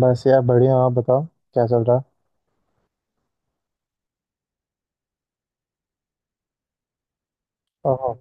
बस यार, बढ़िया हूँ। आप बताओ, क्या चल रहा है। ओहो।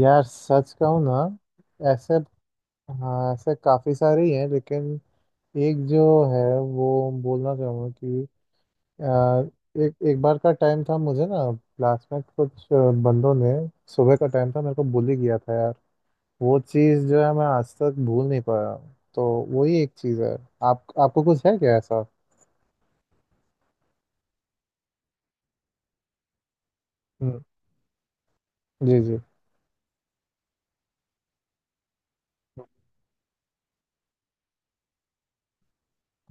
यार, सच कहूँ ना, ऐसे हाँ, ऐसे काफ़ी सारे ही हैं लेकिन। एक जो है, वो बोलना चाहूँगा कि आ, एक एक बार का टाइम था। मुझे ना क्लास में कुछ बंदों ने, सुबह का टाइम था, मेरे को bully किया था यार। वो चीज़ जो है मैं आज तक भूल नहीं पाया। तो वही एक चीज़ है। आप आपको कुछ है क्या ऐसा। हम्म। जी जी।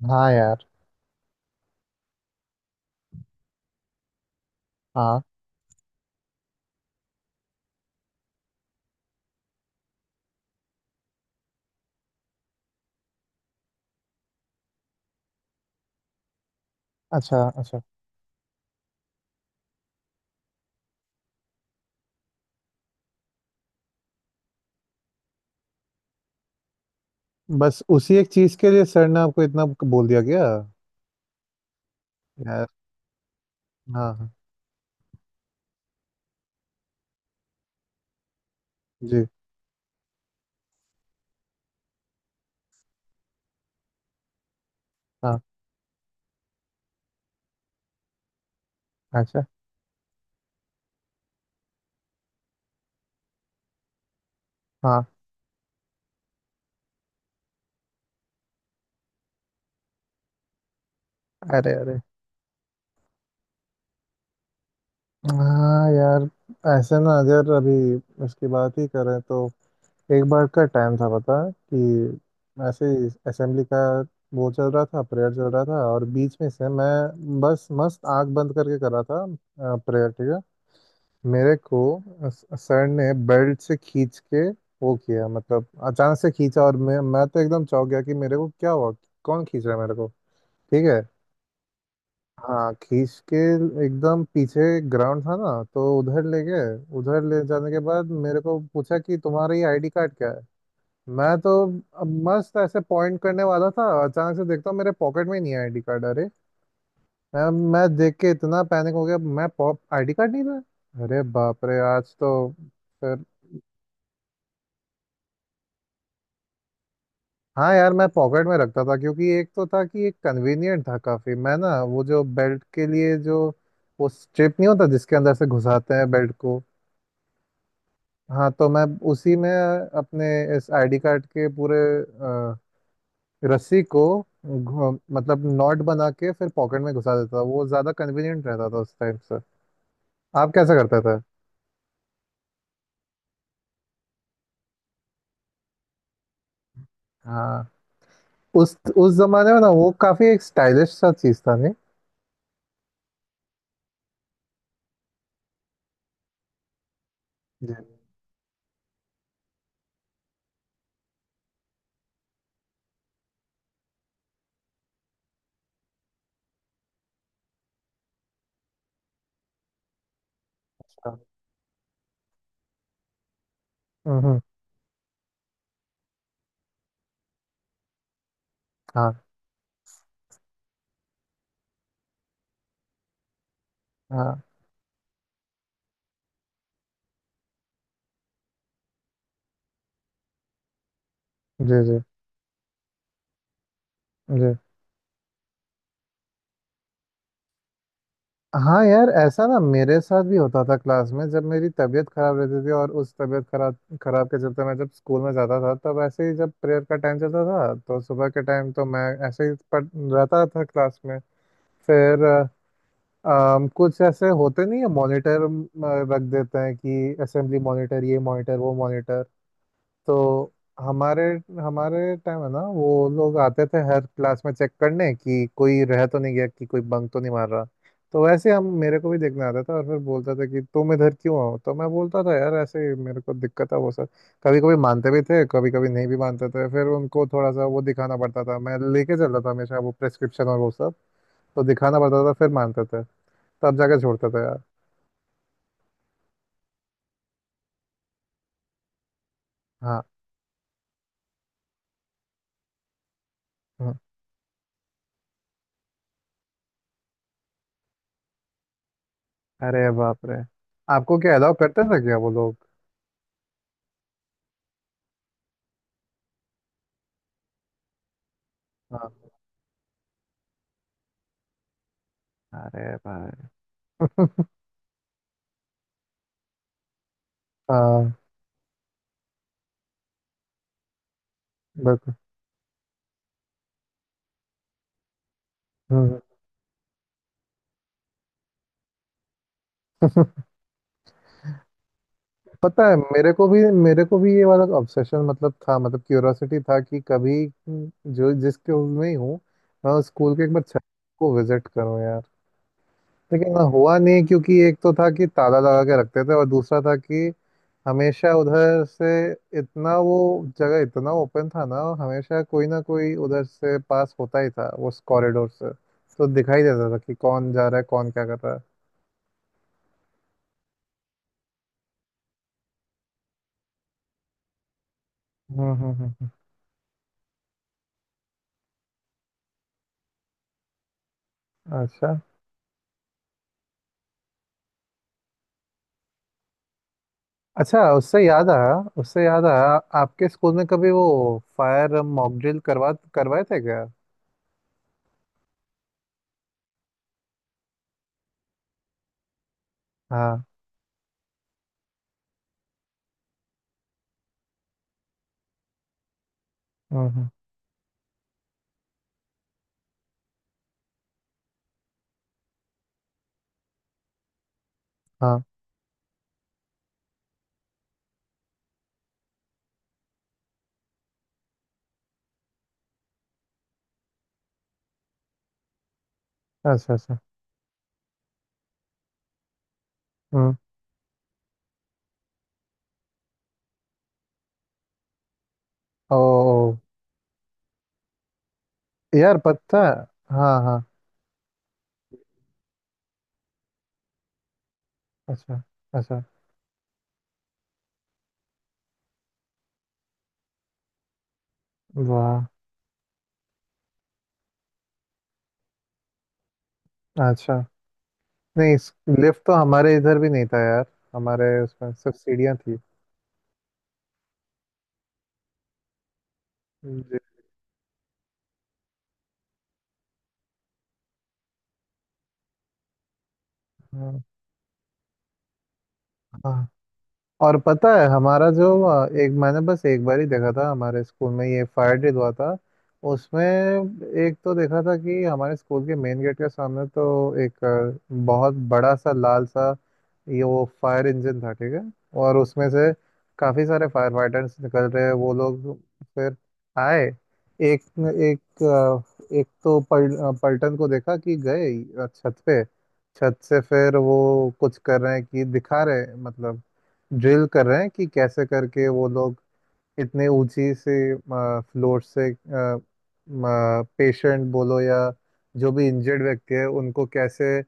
हाँ यार। हाँ। अच्छा अच्छा। बस उसी एक चीज के लिए सर ने आपको इतना बोल दिया गया? यार। हाँ हाँ, जी। हाँ। अच्छा। हाँ। अरे अरे। हाँ यार, ऐसे ना यार, अभी उसकी बात ही करें तो, एक बार का टाइम था, पता है कि ऐसे ही असेंबली का वो चल रहा था, प्रेयर चल रहा था, और बीच में से मैं बस मस्त आंख बंद करके कर रहा था प्रेयर, ठीक है। मेरे को सर ने बेल्ट से खींच के वो किया, मतलब अचानक से खींचा और मैं तो एकदम चौंक गया कि मेरे को क्या हुआ, कौन खींच रहा है मेरे को। ठीक है। हाँ, खींच के एकदम पीछे। ग्राउंड था ना तो उधर ले गए। उधर ले जाने के बाद मेरे को पूछा कि तुम्हारा ये आईडी कार्ड क्या है। मैं तो अब मस्त ऐसे पॉइंट करने वाला था, अचानक से देखता हूँ मेरे पॉकेट में नहीं है आईडी कार्ड। अरे! मैं मैं देख के इतना पैनिक हो गया, मैं पॉप आईडी कार्ड नहीं था, अरे बाप रे, आज तो। फिर। हाँ यार, मैं पॉकेट में रखता था क्योंकि एक तो था कि एक कन्वीनियंट था काफी। मैं ना वो जो बेल्ट के लिए जो, वो स्ट्रिप नहीं होता जिसके अंदर से घुसाते हैं बेल्ट को। हाँ, तो मैं उसी में अपने इस आईडी कार्ड के पूरे रस्सी को मतलब नॉट बना के फिर पॉकेट में घुसा देता था। वो ज्यादा कन्वीनियंट रहता था उस टाइम से। आप कैसे करते थे? हाँ, उस जमाने में ना वो काफी एक स्टाइलिश सा चीज था नहीं। जी। अच्छा। हम्म। हाँ हाँ। जी जी जी। हाँ यार, ऐसा ना मेरे साथ भी होता था। क्लास में जब मेरी तबीयत खराब रहती थी और उस तबीयत खराब खराब के चलते मैं जब स्कूल में जाता था, तब ऐसे ही जब प्रेयर का टाइम चलता था तो सुबह के टाइम, तो मैं ऐसे ही पढ़ रहता था क्लास में। फिर कुछ ऐसे होते नहीं है मॉनिटर, रख देते हैं कि असेंबली मॉनिटर, ये मॉनिटर, वो मॉनिटर। तो हमारे हमारे टाइम है ना, वो लोग आते थे हर क्लास में चेक करने कि कोई रह तो नहीं गया, कि कोई बंक तो नहीं मार रहा। तो वैसे हम, मेरे को भी देखने आता था और फिर बोलता था कि तुम इधर क्यों आओ, तो मैं बोलता था यार ऐसे ही मेरे को दिक्कत है वो सर। कभी कभी मानते भी थे, कभी कभी नहीं भी मानते थे। फिर उनको थोड़ा सा वो दिखाना पड़ता था। मैं लेके चलता था हमेशा वो प्रेस्क्रिप्शन और वो सब। तो दिखाना पड़ता था, फिर मानते थे, तब जाके छोड़ते थे यार। हाँ हाँ। अरे बाप रे, आपको क्या अलाउ करते थे क्या वो लोग? हाँ। अरे भाई। हाँ। बिल्कुल। हम्म हम्म। पता है, मेरे को भी ये वाला ऑब्सेशन मतलब था, मतलब क्यूरोसिटी था कि कभी, जो जिस स्कूल में ही हूँ मैं, उस स्कूल के एक बार छत को विजिट करूँ यार। लेकिन हाँ, हुआ नहीं क्योंकि एक तो था कि ताला लगा के रखते थे, और दूसरा था कि हमेशा उधर से, इतना वो जगह इतना ओपन था ना, और हमेशा कोई ना कोई उधर से पास होता ही था उस कॉरिडोर से। तो दिखाई देता था कि कौन जा रहा है, कौन क्या कर रहा है। हम्म। अच्छा अच्छा। उससे याद आया, आपके स्कूल में कभी वो फायर मॉक ड्रिल करवाए थे क्या? हाँ। हम्म। हाँ। अच्छा अच्छा। हम्म। ओ यार, पता है। हाँ हाँ। अच्छा अच्छा। वाह। अच्छा। नहीं, लिफ्ट तो हमारे इधर भी नहीं था यार। हमारे उसमें सिर्फ सीढ़ियाँ थी। जी। हाँ हाँ। और पता है हमारा जो एक, मैंने बस एक बार ही देखा था हमारे स्कूल में, ये फायर डे हुआ था। उसमें एक तो देखा था कि हमारे स्कूल के मेन गेट के सामने तो एक बहुत बड़ा सा लाल सा ये वो फायर इंजन था, ठीक है। और उसमें से काफी सारे फायर फाइटर्स निकल रहे हैं वो लोग। फिर आए। एक एक अ, एक तो पलटन को देखा कि गए छत पे। छत से फिर वो कुछ कर रहे हैं कि दिखा रहे हैं, मतलब ड्रिल कर रहे हैं कि कैसे करके वो लोग इतने ऊंची से, फ्लोर से, पेशेंट बोलो या जो भी इंजर्ड व्यक्ति है उनको कैसे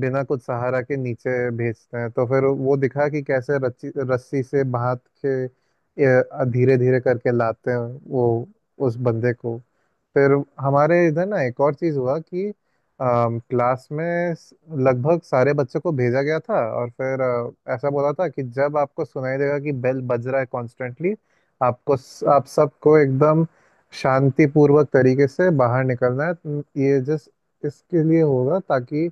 बिना कुछ सहारा के नीचे भेजते हैं। तो फिर वो दिखा कि कैसे रस्सी रस्सी से बांध के धीरे धीरे करके लाते हैं वो उस बंदे को। फिर। हमारे इधर ना एक और चीज़ हुआ कि क्लास में लगभग सारे बच्चों को भेजा गया था, और फिर ऐसा बोला था कि जब आपको सुनाई देगा कि बेल बज रहा है कॉन्स्टेंटली, आपको आप सबको एकदम शांतिपूर्वक तरीके से बाहर निकलना है। ये जस्ट इसके लिए होगा ताकि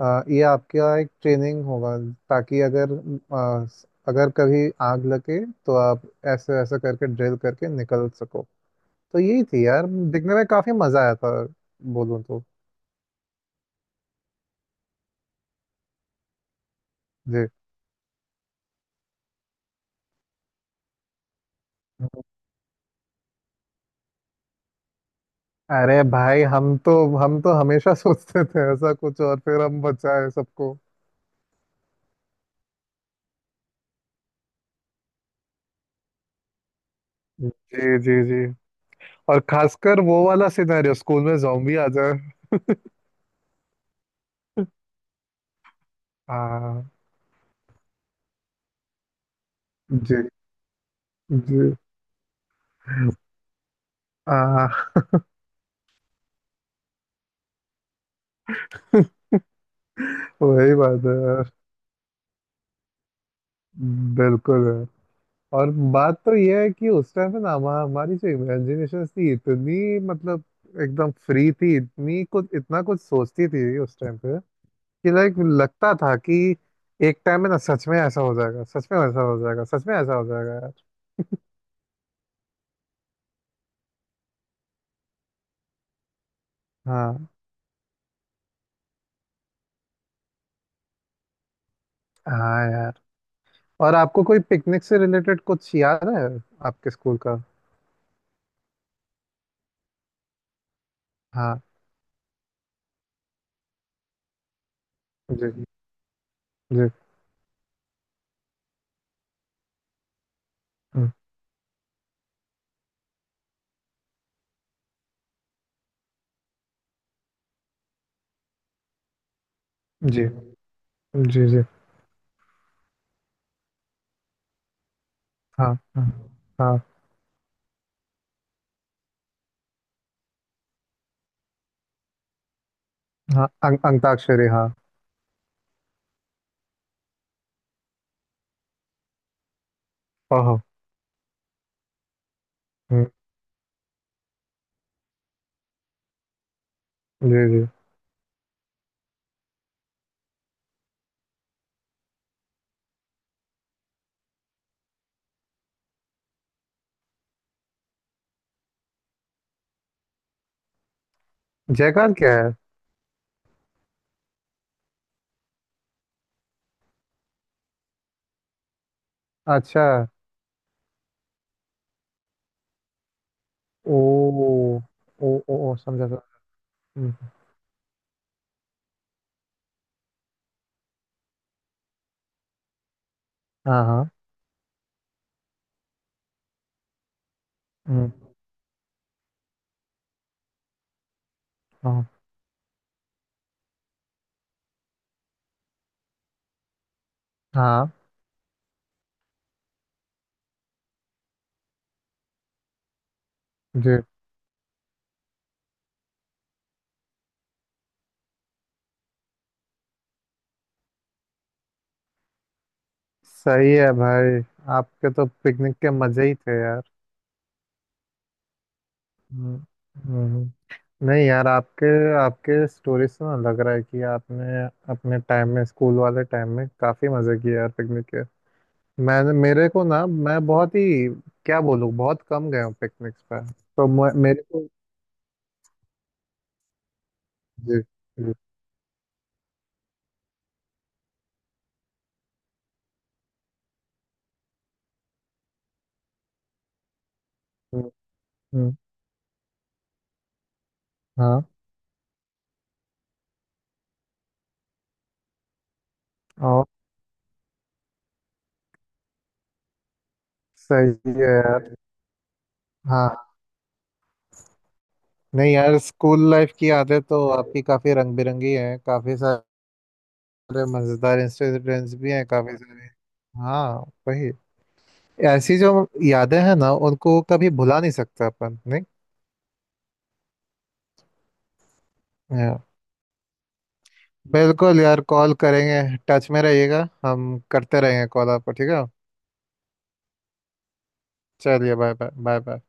ये आपका एक ट्रेनिंग होगा, ताकि अगर अ, अगर कभी आग लगे, तो आप ऐसे ऐसे करके ड्रिल करके निकल सको। तो यही थी यार। दिखने में काफी मजा आया था बोलूँ तो। जी। अरे भाई, हम तो हमेशा सोचते थे ऐसा कुछ, और फिर हम बचाए सबको। जी जी जी। और खासकर वो वाला सिनेरियो, स्कूल में जॉम्बी आ जाए। हाँ। जी जी। हाँ। वही बात है यार। बिल्कुल है। और बात तो ये है कि उस टाइम पे ना, हमारी जो इमेजिनेशन थी इतनी, मतलब एकदम फ्री थी, इतनी कुछ इतना कुछ सोचती थी उस टाइम पे। कि लाइक लगता था कि एक टाइम में ना सच में ऐसा हो जाएगा, सच में ऐसा हो जाएगा, सच में ऐसा हो जाएगा यार। हाँ हाँ यार। और आपको कोई पिकनिक से रिलेटेड कुछ याद है आपके स्कूल का? हाँ। जी जी। हुँ। जी जी जी। हाँ हाँ। हाँ हाँ। अंताक्षरी, हाँ। ओहो! हुँ। जी जी। जयकार क्या है? अच्छा। ओह! ओ ओ ओ, समझा समझा। हुँ। हाँ हाँ। हुँ। हाँ हाँ। जी। सही है भाई, आपके तो पिकनिक के मज़े ही थे यार। हुँ हुँ हुँ। नहीं यार, आपके आपके स्टोरी से ना लग रहा है कि आपने अपने टाइम में, स्कूल वाले टाइम में काफ़ी मज़े किए यार पिकनिक के। मैंने, मेरे को ना, मैं बहुत ही क्या बोलूँ, बहुत कम गया हूँ पिकनिक्स पे। तो मेरे को। जी जी। हम्म हम्म। हाँ, और सही है यार। हाँ। नहीं यार, स्कूल लाइफ की यादें तो आपकी काफी रंग बिरंगी हैं, काफी सारे मजेदार इंसिडेंट्स भी हैं काफी सारे। हाँ, वही। ऐसी जो यादें हैं ना, उनको कभी भुला नहीं सकते अपन, नहीं। हाँ। बिल्कुल यार, कॉल करेंगे। टच में रहिएगा, हम करते रहेंगे कॉल आपको, ठीक है। चलिए, बाय बाय बाय बाय।